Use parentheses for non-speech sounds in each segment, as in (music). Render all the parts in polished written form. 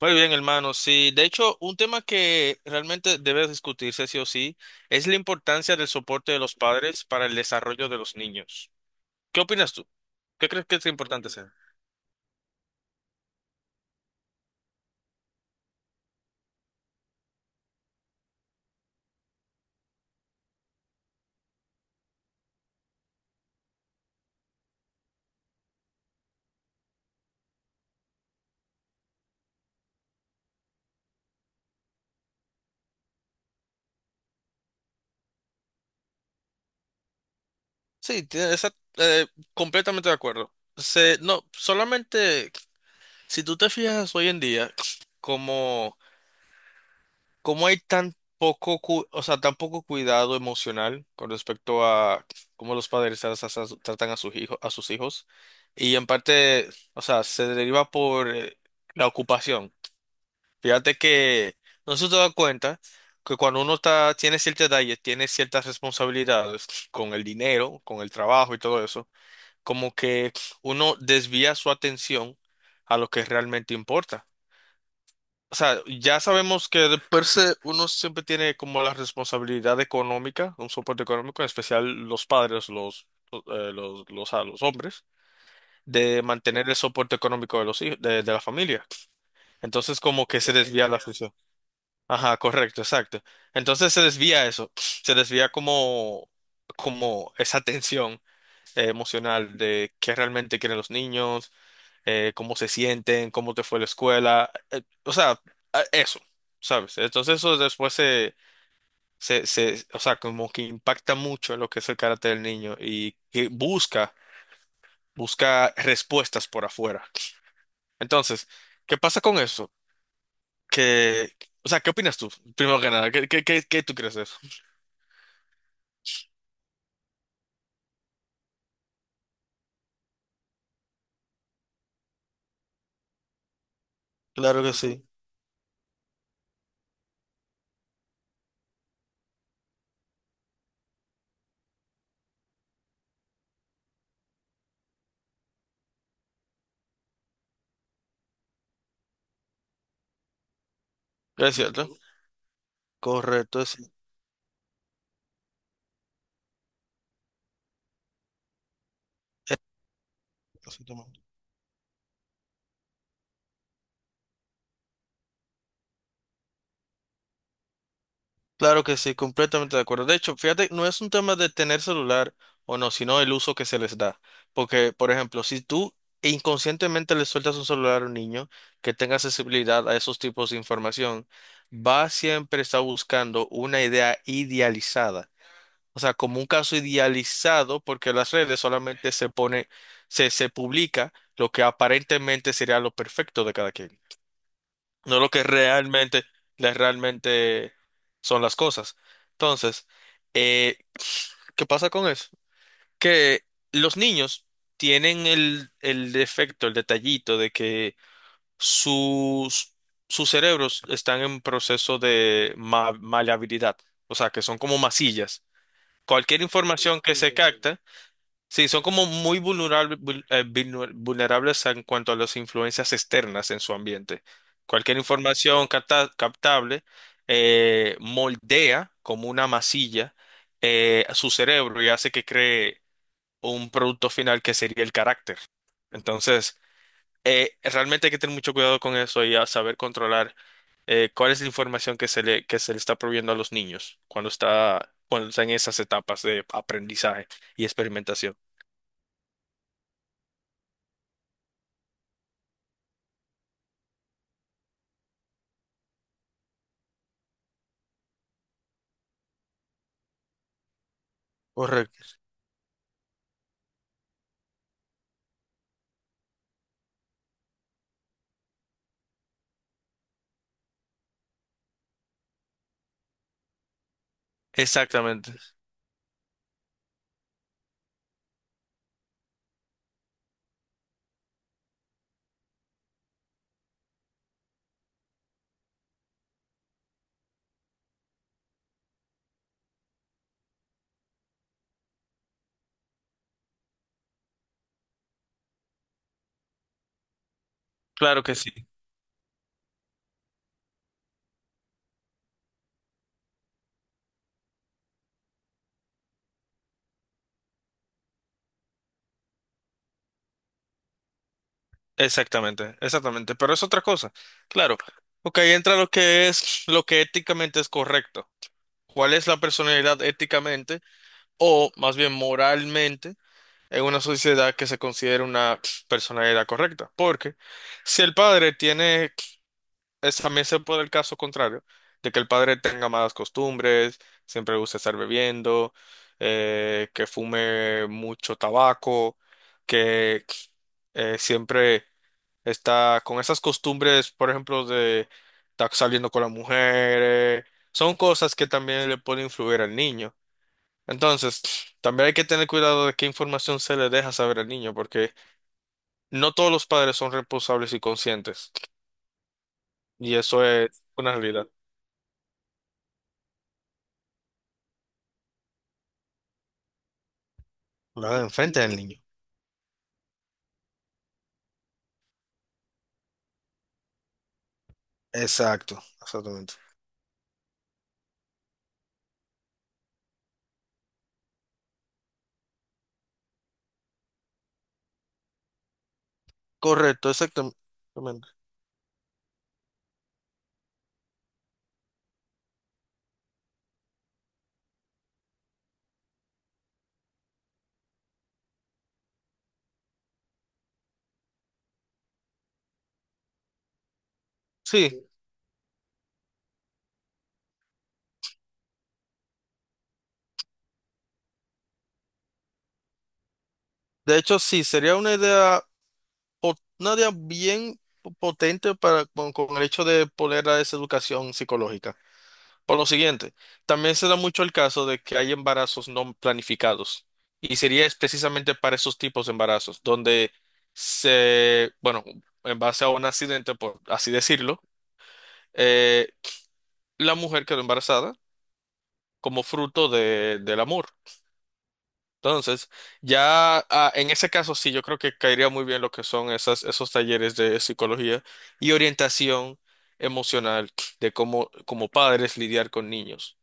Muy bien, hermano. Sí, de hecho, un tema que realmente debe discutirse sí o sí es la importancia del soporte de los padres para el desarrollo de los niños. ¿Qué opinas tú? ¿Qué crees que es importante ser? Sí, tie- esa- eh, Completamente de acuerdo. No, solamente si tú te fijas hoy en día, como ¿cómo hay tan poco, o sea, tan poco cuidado emocional con respecto a cómo los padres tratan a sus hijos, a sus hijos? Y en parte, o sea, se deriva por la ocupación. Fíjate que no se te da cuenta que cuando uno está, tiene cierta edad y tiene ciertas responsabilidades con el dinero, con el trabajo y todo eso, como que uno desvía su atención a lo que realmente importa. O sea, ya sabemos que de per se uno siempre tiene como la responsabilidad económica, un soporte económico, en especial los padres, a los hombres, de mantener el soporte económico de los hijos, de la familia. Entonces, como que se desvía la función. Ajá, correcto, exacto. Entonces se desvía eso, se desvía como esa tensión emocional de qué realmente quieren los niños, cómo se sienten, cómo te fue la escuela, o sea, eso, ¿sabes? Entonces eso después, o sea, como que impacta mucho en lo que es el carácter del niño y que busca, busca respuestas por afuera. Entonces, ¿qué pasa con eso? Que, o sea, ¿qué opinas tú? Primero que nada, ¿qué tú crees de eso? Claro que sí, es cierto. Correcto, es- claro que sí, completamente de acuerdo. De hecho, fíjate, no es un tema de tener celular o no, sino el uso que se les da. Porque, por ejemplo, si tú inconscientemente le sueltas un celular a un niño que tenga accesibilidad a esos tipos de información, va siempre estar buscando una idea idealizada. O sea, como un caso idealizado, porque las redes solamente se publica lo que aparentemente sería lo perfecto de cada quien, no lo que realmente, realmente son las cosas. Entonces, eh, ¿qué pasa con eso? Que los niños tienen el defecto, el detallito de que sus, sus cerebros están en proceso de maleabilidad, o sea, que son como masillas. Cualquier información que se capta. Sí, son como muy vulnerables en cuanto a las influencias externas en su ambiente. Cualquier información captable moldea como una masilla, su cerebro, y hace que cree un producto final que sería el carácter. Entonces, realmente hay que tener mucho cuidado con eso y a saber controlar cuál es la información que se le está proveyendo a los niños cuando está en esas etapas de aprendizaje y experimentación. Correcto. Exactamente, claro que sí, exactamente, exactamente, pero es otra cosa, claro, ok, entra lo que es, lo que éticamente es correcto, cuál es la personalidad éticamente o más bien moralmente en una sociedad que se considere una personalidad correcta, porque si el padre tiene también se puede el caso contrario, de que el padre tenga malas costumbres, siempre le gusta estar bebiendo, que fume mucho tabaco, que siempre está con esas costumbres, por ejemplo, de estar saliendo con la mujer, son cosas que también le pueden influir al niño. Entonces, también hay que tener cuidado de qué información se le deja saber al niño, porque no todos los padres son responsables y conscientes, y eso es una realidad. La de enfrente del niño. Exacto, exactamente. Correcto, exactamente. Sí, de hecho sí, sería una idea, una idea bien potente para, con el hecho de poner a esa educación psicológica. Por lo siguiente, también se da mucho el caso de que hay embarazos no planificados y sería es precisamente para esos tipos de embarazos, donde se, bueno, en base a un accidente, por así decirlo, eh, la mujer quedó embarazada como fruto del amor. Entonces, ya en ese caso sí, yo creo que caería muy bien lo que son esos talleres de psicología y orientación emocional de cómo, como padres lidiar con niños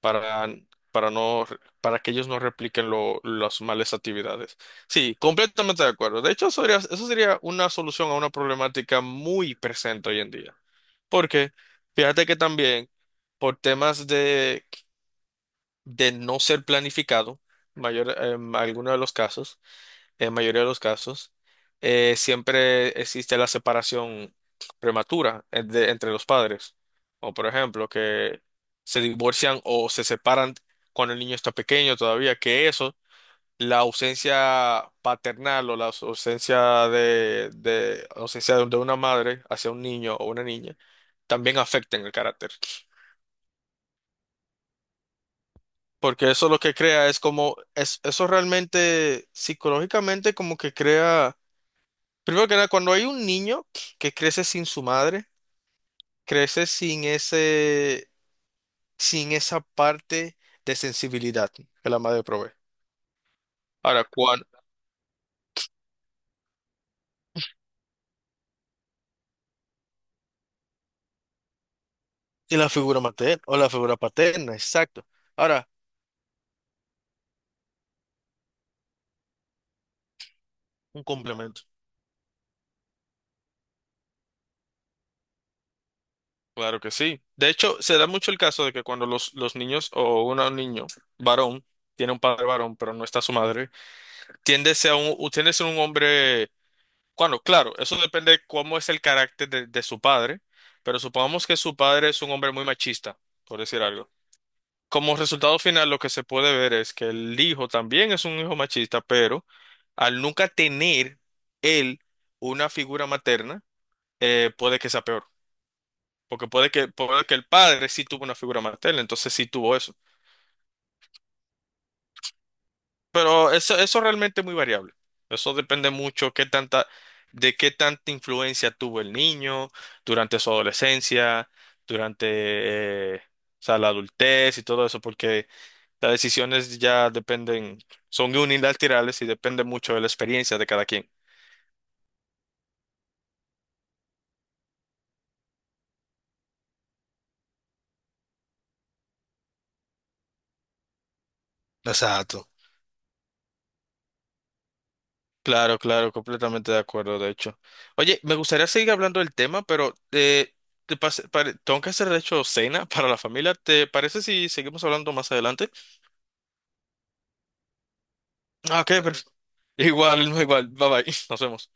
para, para no, para que ellos no repliquen las malas actividades. Sí, completamente de acuerdo. De hecho, eso sería una solución a una problemática muy presente hoy en día. Porque fíjate que también por temas de no ser planificado, mayor, en algunos de los casos, en mayoría de los casos, siempre existe la separación prematura entre los padres. O por ejemplo, que se divorcian o se separan cuando el niño está pequeño todavía, que eso, la ausencia paternal o la ausencia de una madre hacia un niño o una niña, también afecta en el carácter. Porque eso lo que crea es como, es, eso realmente psicológicamente como que crea, primero que nada, cuando hay un niño que crece sin su madre, crece sin ese, sin esa parte de sensibilidad que la madre provee. Ahora, cuando, y la figura materna, o la figura paterna, exacto. Ahora, un complemento. Claro que sí. De hecho, se da mucho el caso de que cuando los niños o un niño varón tiene un padre varón, pero no está su madre, tiende a ser un hombre. Bueno, claro, eso depende de cómo es el carácter de su padre, pero supongamos que su padre es un hombre muy machista, por decir algo. Como resultado final, lo que se puede ver es que el hijo también es un hijo machista, pero al nunca tener él una figura materna, puede que sea peor, porque puede que el padre sí tuvo una figura materna, entonces sí tuvo eso. Pero eso realmente es muy variable. Eso depende mucho qué tanta, de qué tanta influencia tuvo el niño durante su adolescencia, durante, eh, o sea, la adultez y todo eso, porque las decisiones ya dependen, son unilaterales y depende mucho de la experiencia de cada quien. Exacto. Claro, claro, completamente de acuerdo, de hecho. Oye, me gustaría seguir hablando del tema, pero tengo que hacer, de hecho, cena (laughs) para la familia. ¿Te parece si seguimos hablando más adelante? Ah, ok, perfecto. (laughs) Igual, no, igual. Bye bye. (laughs) Nos vemos.